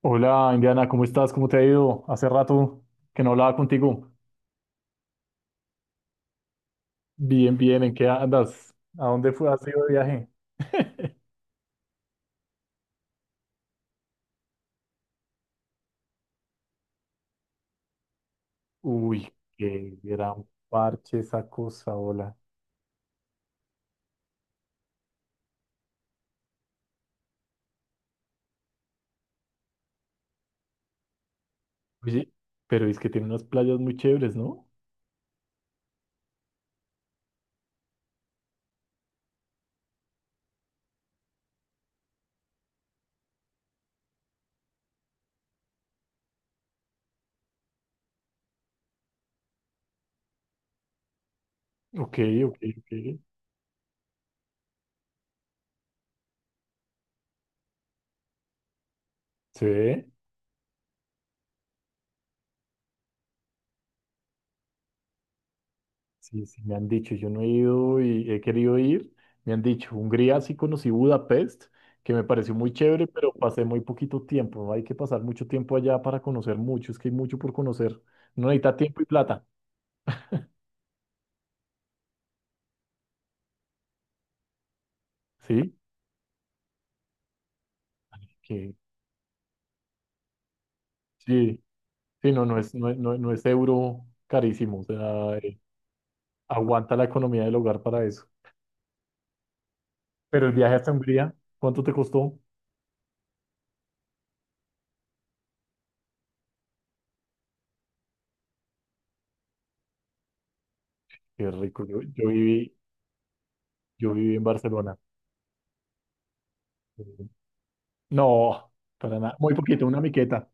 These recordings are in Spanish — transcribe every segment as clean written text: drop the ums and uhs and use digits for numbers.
Hola, Indiana, ¿cómo estás? ¿Cómo te ha ido? Hace rato que no hablaba contigo. Bien, bien, ¿en qué andas? ¿A dónde fue? ¿Has ido de viaje? Uy, qué gran parche esa cosa, hola. Oye, pero es que tiene unas playas muy chéveres, ¿no? Ok, ok, ok. Sí. Sí, sí, me han dicho, yo no he ido y he querido ir, me han dicho, Hungría sí conocí Budapest, que me pareció muy chévere, pero pasé muy poquito tiempo, no hay que pasar mucho tiempo allá para conocer mucho, es que hay mucho por conocer, no necesita tiempo y plata. ¿Sí? Que sí, sí, no, no es, no, no, no es euro carísimo, o sea, aguanta la economía del hogar para eso. Pero el viaje hasta Hungría, ¿cuánto te costó? Qué rico, yo viví en Barcelona. Mm, No, para nada, muy poquito, una miqueta.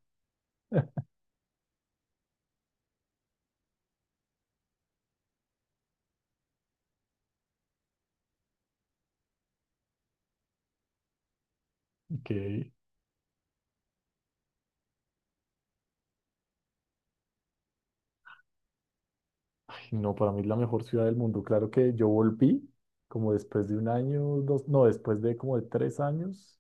Que no, para mí es la mejor ciudad del mundo. Claro que yo volví como después de un año, dos, no, después de como de 3 años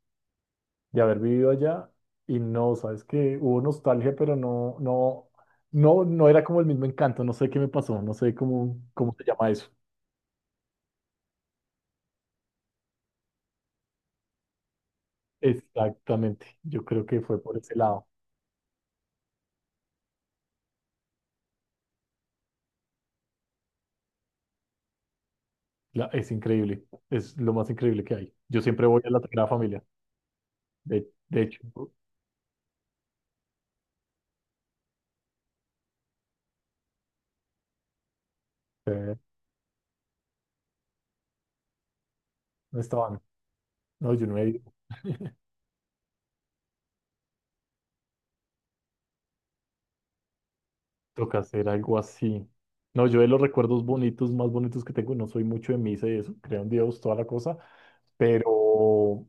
de haber vivido allá y no, sabes que hubo nostalgia, pero no, no, no, no era como el mismo encanto. No sé qué me pasó, no sé cómo se llama eso. Exactamente, yo creo que fue por ese lado. Es increíble, es lo más increíble que hay. Yo siempre voy a la Sagrada Familia, de hecho, eh, no estaban, no, yo no he ido. Toca hacer algo así. No, yo de los recuerdos bonitos, más bonitos que tengo, no soy mucho de misa y eso, creo en Dios, toda la cosa, pero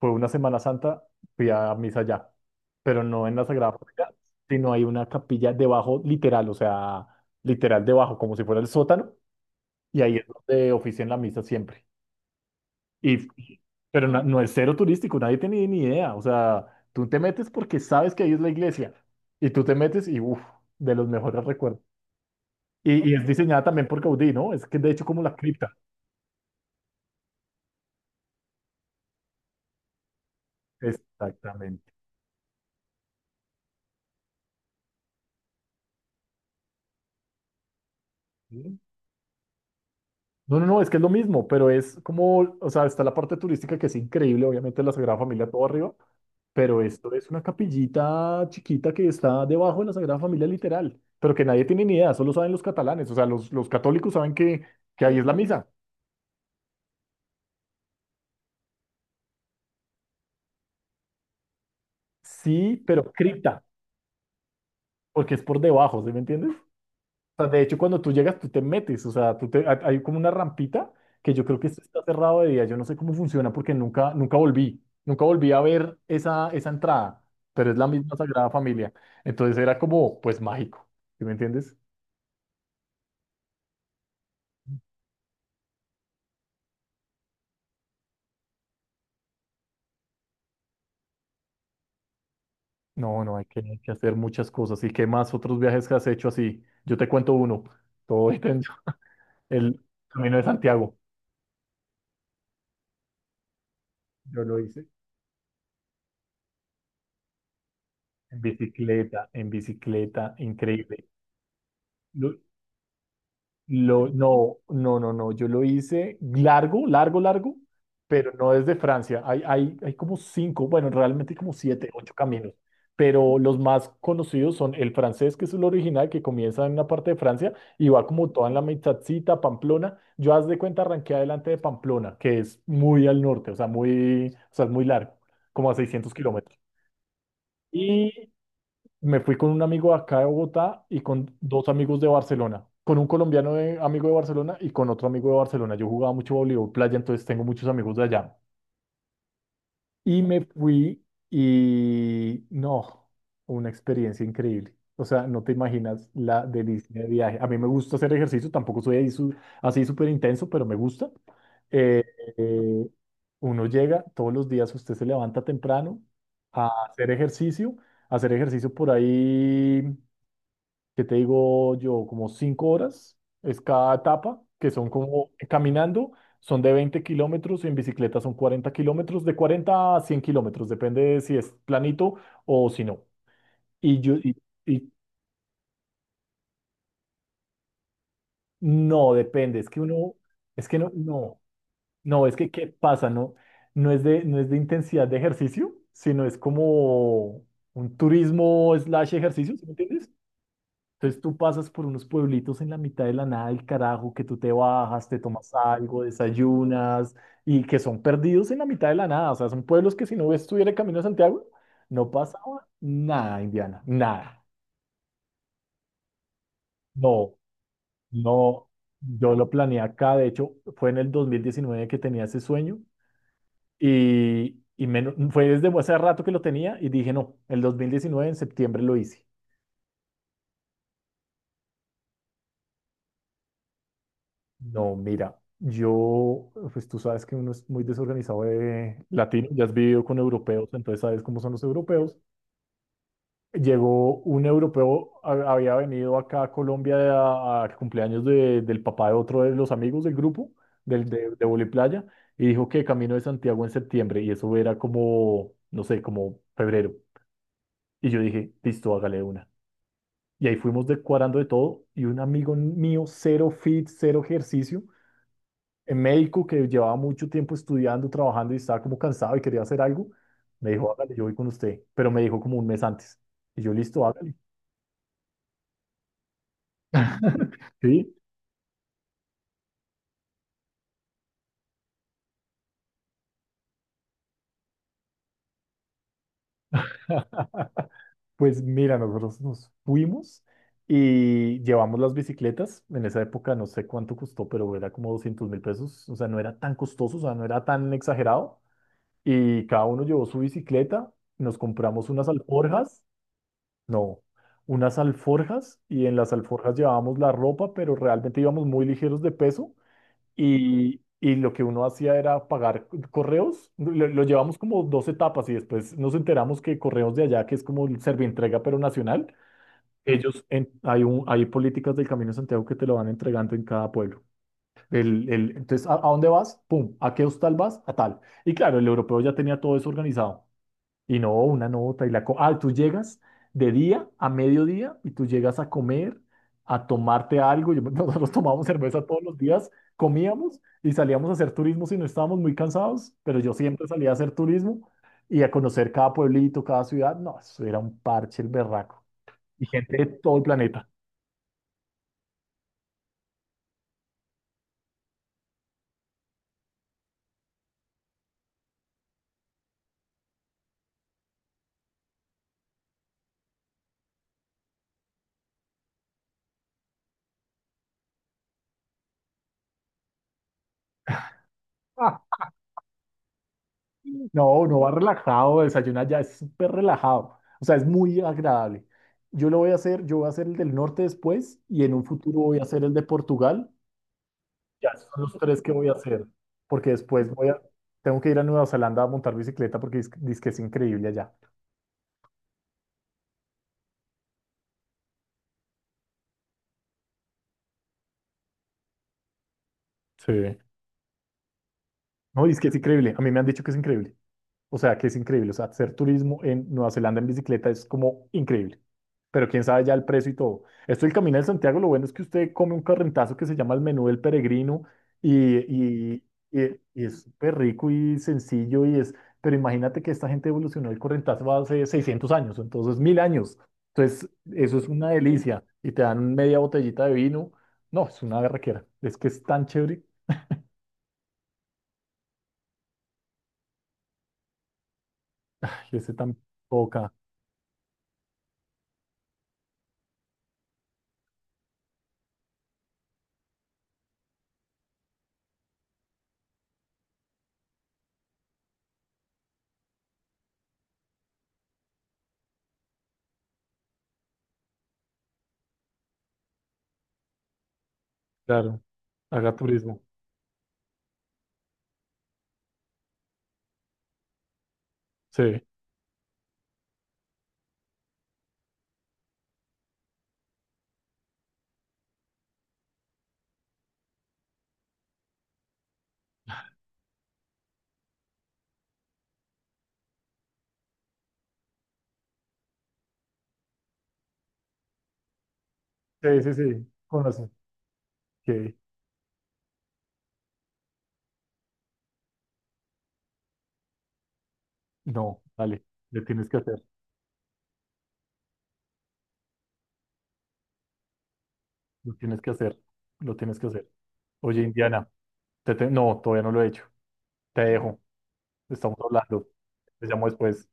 fue una Semana Santa, fui a misa allá, pero no en la Sagrada Familia, sino hay una capilla debajo, literal, o sea, literal debajo, como si fuera el sótano, y ahí es donde ofician la misa siempre. Y pero no, no es cero turístico, nadie tiene ni idea, o sea, tú te metes porque sabes que ahí es la iglesia, y tú te metes y, uff, de los mejores recuerdos. Y es diseñada también por Gaudí, ¿no? Es que de hecho como la cripta. Exactamente. Sí. No, no, no, es que es lo mismo, pero es como, o sea, está la parte turística que es increíble, obviamente la Sagrada Familia todo arriba, pero esto es una capillita chiquita que está debajo de la Sagrada Familia literal, pero que nadie tiene ni idea, solo saben los catalanes, o sea, los católicos saben que, ahí es la misa. Sí, pero cripta, porque es por debajo, ¿sí me entiendes? Sea, de hecho, cuando tú llegas, tú te metes, o sea, tú te, hay como una rampita que yo creo que esto está cerrado de día. Yo no sé cómo funciona porque nunca volví a ver esa, entrada, pero es la misma Sagrada Familia. Entonces era como, pues mágico, ¿sí me entiendes? No, no, hay que hacer muchas cosas. ¿Y qué más otros viajes que has hecho así? Yo te cuento uno, todo intenso. El Camino de Santiago. Yo lo hice en bicicleta, increíble. Lo- no, no, no, no. Yo lo hice largo, largo, largo, pero no desde Francia. Hay como cinco, bueno, realmente hay como siete, ocho caminos. Pero los más conocidos son el francés, que es el original, que comienza en una parte de Francia y va como toda en la mitadcita, Pamplona. Yo, haz de cuenta, arranqué adelante de Pamplona, que es muy al norte, o sea, muy, o sea, es muy largo, como a 600 kilómetros. Me fui con un amigo de acá de Bogotá y con dos amigos de Barcelona, con un colombiano amigo de Barcelona y con otro amigo de Barcelona. Yo jugaba mucho voleibol playa, entonces tengo muchos amigos de allá. Y me fui y no, una experiencia increíble. O sea, no te imaginas la delicia de viaje. A mí me gusta hacer ejercicio, tampoco soy ahí así súper intenso, pero me gusta. Eh, eh, uno llega todos los días, usted se levanta temprano a hacer ejercicio, a hacer ejercicio por ahí. ¿Que te digo yo? Como 5 horas es cada etapa, que son como caminando, son de 20 kilómetros, en bicicleta son 40 kilómetros, de 40 a 100 kilómetros, depende de si es planito o si no. Y yo, y, y no, depende, es que uno, es que no, no, no, es que ¿qué pasa? No, no es de intensidad de ejercicio, sino es como un turismo slash ejercicio, ¿sí me entiendes? Entonces tú pasas por unos pueblitos en la mitad de la nada del carajo, que tú te bajas, te tomas algo, desayunas, y que son perdidos en la mitad de la nada. O sea, son pueblos que si no estuviera Camino a Santiago, no pasaba nada, Indiana, nada. No, no, yo lo planeé acá. De hecho, fue en el 2019 que tenía ese sueño y menos, fue desde hace rato que lo tenía y dije, no, el 2019 en septiembre lo hice. No, mira, yo, pues tú sabes que uno es muy desorganizado de latino, ya has vivido con europeos, entonces sabes cómo son los europeos. Llegó un europeo, había venido acá a Colombia al cumpleaños del papá de otro de los amigos del grupo, de Vóley Playa, y dijo que Camino de Santiago en septiembre, y eso era como, no sé, como febrero. Y yo dije, listo, hágale de una. Y ahí fuimos decorando de todo, y un amigo mío, cero fit, cero ejercicio en médico que llevaba mucho tiempo estudiando, trabajando y estaba como cansado y quería hacer algo, me dijo, hágale, yo voy con usted, pero me dijo como un mes antes. Y yo, listo, hágale. Sí. Pues mira, nosotros nos fuimos y llevamos las bicicletas. En esa época no sé cuánto costó, pero era como 200.000 pesos. O sea, no era tan costoso, o sea, no era tan exagerado. Y cada uno llevó su bicicleta. Nos compramos unas alforjas. No, unas alforjas y en las alforjas llevábamos la ropa, pero realmente íbamos muy ligeros de peso y lo que uno hacía era pagar correos. Lo llevamos como dos etapas y después nos enteramos que correos de allá, que es como el Servientrega pero nacional, ellos, en- hay, un, hay políticas del Camino de Santiago que te lo van entregando en cada pueblo. Entonces, ¿a dónde vas? Pum, ¿a qué hostal vas? A tal. Y claro, el europeo ya tenía todo eso organizado. Y no, una nota y la... Ah, tú llegas de día a mediodía y tú llegas a comer, a tomarte algo. Nosotros tomábamos cerveza todos los días, comíamos y salíamos a hacer turismo si no estábamos muy cansados, pero yo siempre salía a hacer turismo y a conocer cada pueblito, cada ciudad. No, eso era un parche el berraco. Y gente de todo el planeta. Ah, no, uno va relajado, desayuna ya, es súper relajado. O sea, es muy agradable. Yo lo voy a hacer, yo voy a hacer el del norte después y en un futuro voy a hacer el de Portugal. Ya, esos son los tres que voy a hacer, porque después voy a, tengo que ir a Nueva Zelanda a montar bicicleta porque dice que es increíble allá. Sí. No, dice que es increíble. A mí me han dicho que es increíble. O sea, que es increíble. O sea, hacer turismo en Nueva Zelanda en bicicleta es como increíble. Pero quién sabe ya el precio y todo. Esto del Camino de Santiago, lo bueno es que usted come un correntazo que se llama el menú del peregrino y, y, y es súper rico y sencillo y es, pero imagínate que esta gente evolucionó el correntazo hace 600 años, entonces 1.000 años. Entonces, eso es una delicia y te dan media botellita de vino. No, es una berraquera. Es que es tan chévere y ese tan poca. Claro, haga turismo. Sí, sí, sí, sí. Conoce. Que no, vale, le tienes que hacer. Lo tienes que hacer, lo tienes que hacer. Oye, Indiana, no, todavía no lo he hecho. Te dejo, estamos hablando. Te llamo después.